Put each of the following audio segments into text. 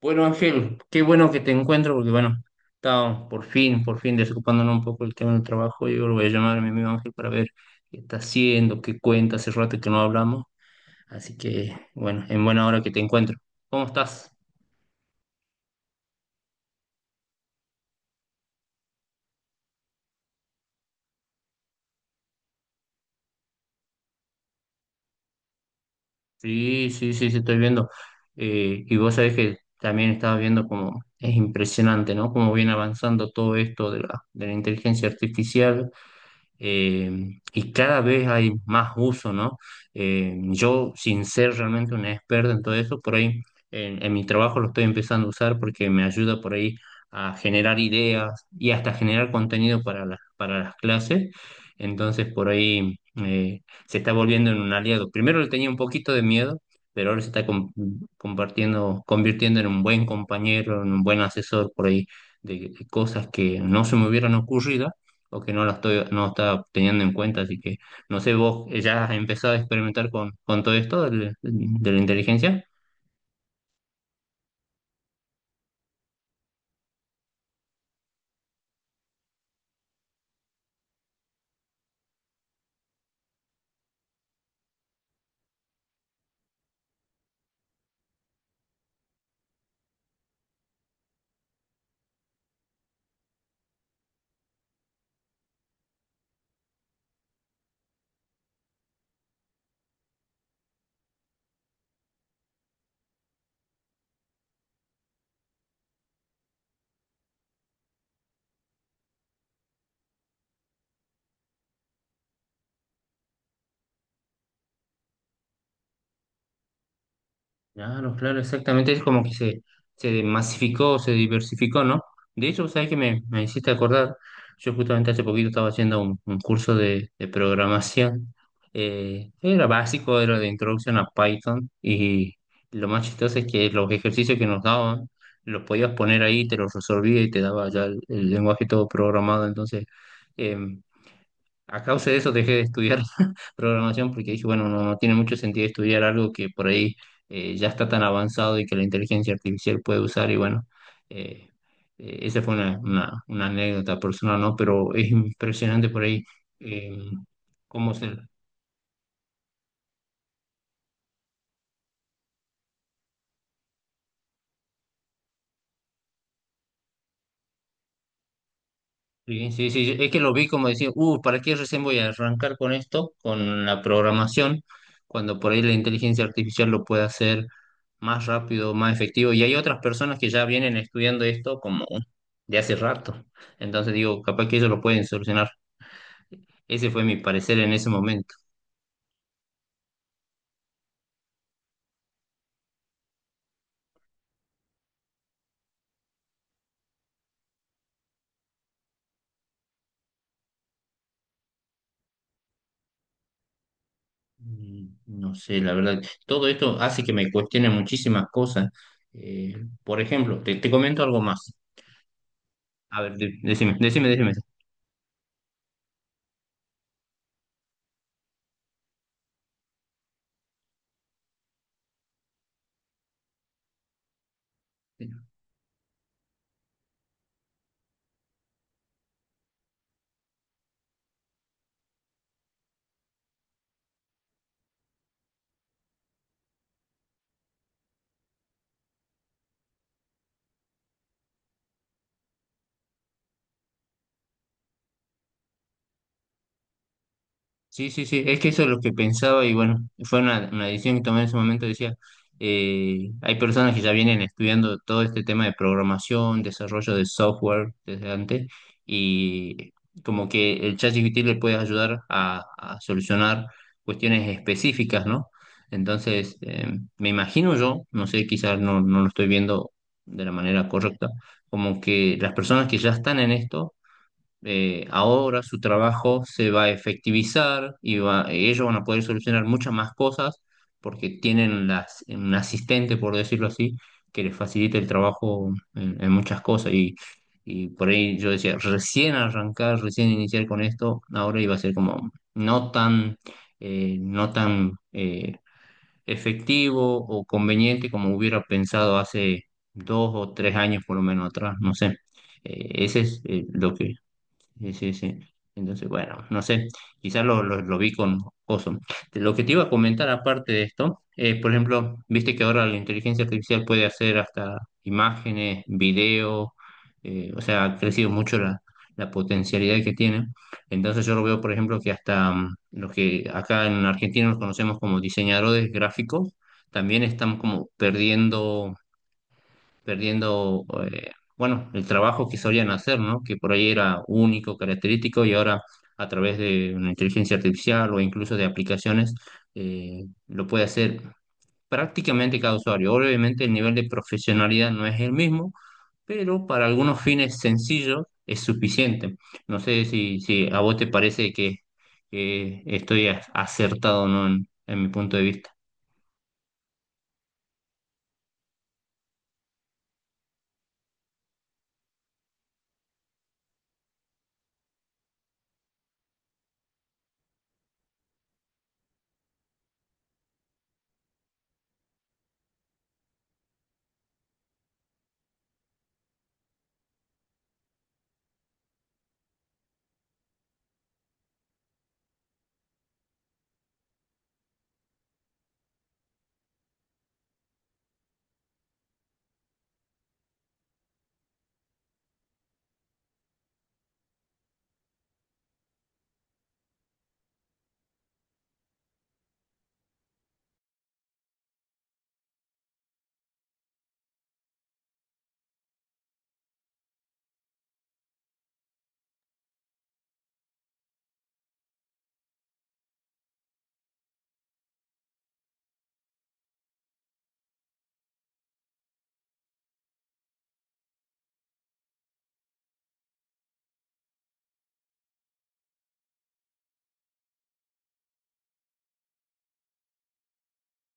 Bueno, Ángel, qué bueno que te encuentro porque, bueno, estaba por fin desocupándonos un poco el tema del trabajo. Yo lo voy a llamar a mi amigo Ángel para ver qué está haciendo, qué cuenta, hace rato que no hablamos. Así que, bueno, en buena hora que te encuentro. ¿Cómo estás? Sí, sí, sí, sí, estoy viendo. Y vos sabés que también estaba viendo como es impresionante, ¿no? Cómo viene avanzando todo esto de la inteligencia artificial, y cada vez hay más uso, ¿no? Yo, sin ser realmente un experto en todo eso, por ahí en mi trabajo lo estoy empezando a usar porque me ayuda por ahí a generar ideas y hasta generar contenido para para las clases. Entonces, por ahí, se está volviendo en un aliado. Primero le tenía un poquito de miedo, pero ahora se está convirtiendo en un buen compañero, en un buen asesor por ahí de cosas que no se me hubieran ocurrido o que no la estoy, no está teniendo en cuenta, así que no sé, vos ya has empezado a experimentar con todo esto de la inteligencia. Claro, claro, exactamente. Es como que se masificó, se diversificó, ¿no? De hecho, ¿sabes qué me hiciste acordar? Yo justamente hace poquito estaba haciendo un curso de programación. Era básico, era de introducción a Python. Y lo más chistoso es que los ejercicios que nos daban, los podías poner ahí, te los resolvía y te daba ya el lenguaje todo programado. Entonces, em, a causa de eso dejé de estudiar programación porque dije, bueno, no, no tiene mucho sentido estudiar algo que por ahí ya está tan avanzado y que la inteligencia artificial puede usar y bueno, eh, esa fue una, una anécdota personal, ¿no? Pero es impresionante por ahí eh, cómo se, Sí, sí, sí, es que lo vi como decir, ¿para qué recién voy a arrancar con esto, con la programación, cuando por ahí la inteligencia artificial lo puede hacer más rápido, más efectivo? Y hay otras personas que ya vienen estudiando esto como de hace rato. Entonces digo, capaz que ellos lo pueden solucionar. Ese fue mi parecer en ese momento. No sé, la verdad, todo esto hace que me cuestione muchísimas cosas. Eh, por ejemplo, te comento algo más. A ver, decime, decime, decime. Sí, sí, sí, es que eso es lo que pensaba y bueno, fue una decisión que tomé en ese momento, decía, hay personas que ya vienen estudiando todo este tema de programación, desarrollo de software desde antes y como que el ChatGPT le puede ayudar a solucionar cuestiones específicas, ¿no? Entonces, me imagino yo, no sé, quizás no, no lo estoy viendo de la manera correcta, como que las personas que ya están en esto ahora su trabajo se va a efectivizar y ellos van a poder solucionar muchas más cosas porque tienen las, un asistente, por decirlo así, que les facilita el trabajo en muchas cosas. Y por ahí yo decía, recién arrancar, recién iniciar con esto, ahora iba a ser como no tan, no tan efectivo o conveniente como hubiera pensado hace dos o tres años por lo menos atrás, no sé. Ese es lo que Sí, sí, sí. Entonces, bueno, no sé, quizás lo vi con oso. Lo que te iba a comentar aparte de esto, por ejemplo, viste que ahora la inteligencia artificial puede hacer hasta imágenes, videos, o sea, ha crecido mucho la potencialidad que tiene. Entonces yo lo veo, por ejemplo, que hasta los que acá en Argentina nos conocemos como diseñadores gráficos, también están como perdiendo, eh, bueno, el trabajo que solían hacer, ¿no? Que por ahí era único, característico, y ahora a través de una inteligencia artificial o incluso de aplicaciones, lo puede hacer prácticamente cada usuario. Obviamente el nivel de profesionalidad no es el mismo, pero para algunos fines sencillos es suficiente. No sé si a vos te parece que estoy acertado o no en en mi punto de vista.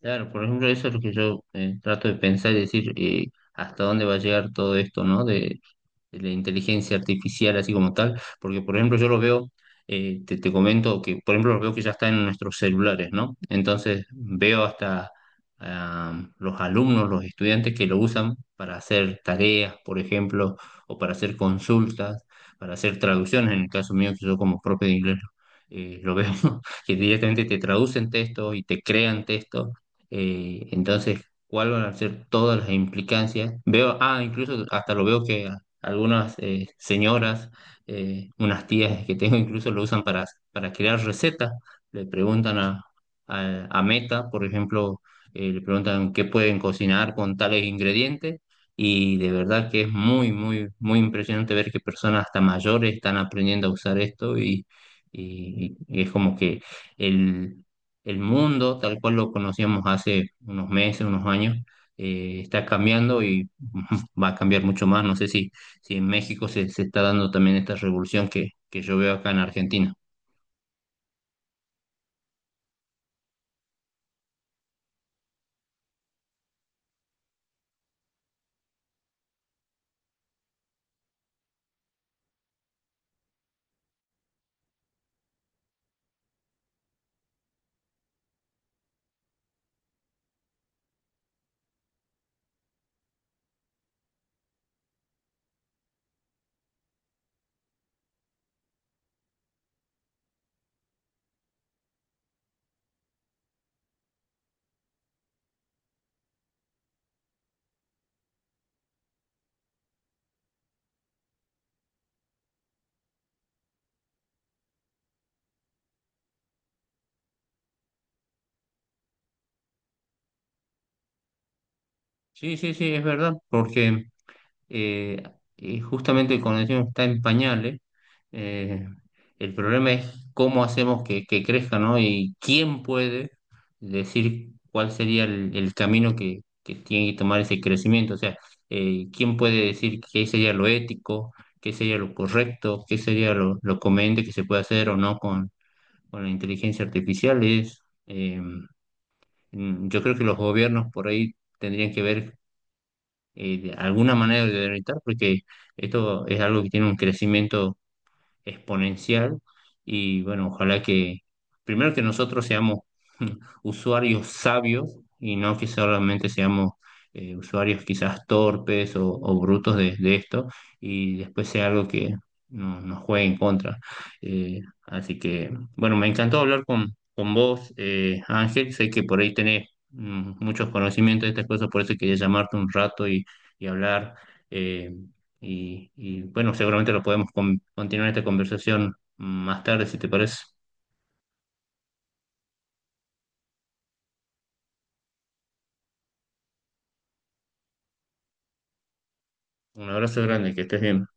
Claro, por ejemplo, eso es lo que yo trato de pensar y decir hasta dónde va a llegar todo esto, ¿no? De, la inteligencia artificial así como tal, porque por ejemplo yo lo veo, te comento que por ejemplo lo veo que ya está en nuestros celulares, ¿no? Entonces veo hasta ah, los alumnos, los estudiantes que lo usan para hacer tareas, por ejemplo, o para hacer consultas, para hacer traducciones, en el caso mío que yo como propio de inglés. Lo veo que directamente te traducen textos y te crean textos. Entonces, ¿cuáles van a ser todas las implicancias? Veo, ah, incluso hasta lo veo que algunas señoras, unas tías que tengo incluso lo usan para crear recetas. Le preguntan a Meta, por ejemplo, le preguntan qué pueden cocinar con tales ingredientes y de verdad que es muy, muy, muy impresionante ver que personas hasta mayores están aprendiendo a usar esto y es como que el, el mundo, tal cual lo conocíamos hace unos meses, unos años, está cambiando y va a cambiar mucho más. No sé si si en México se está dando también esta revolución que yo veo acá en Argentina. Sí, sí, sí, es verdad, porque eh, justamente cuando decimos está en pañales, eh, el problema es cómo hacemos que crezca, ¿no? Y quién puede decir cuál sería el camino que tiene que tomar ese crecimiento, o sea, quién puede decir qué sería lo ético, qué sería lo correcto, qué sería lo conveniente que se puede hacer o no. Bueno, inteligencia artificial es, yo creo que los gobiernos por ahí tendrían que ver de alguna manera de orientar, porque esto es algo que tiene un crecimiento exponencial y bueno, ojalá que primero que nosotros seamos usuarios sabios y no que solamente seamos usuarios quizás torpes o brutos de esto y después sea algo que nos juegue en contra. Eh, Así que, bueno, me encantó hablar con vos, Ángel. Sé que por ahí tenés muchos conocimientos de estas cosas, por eso quería llamarte un rato y hablar. eh, y, bueno, seguramente lo podemos continuar esta conversación más tarde, si te parece. Un abrazo grande, que estés bien.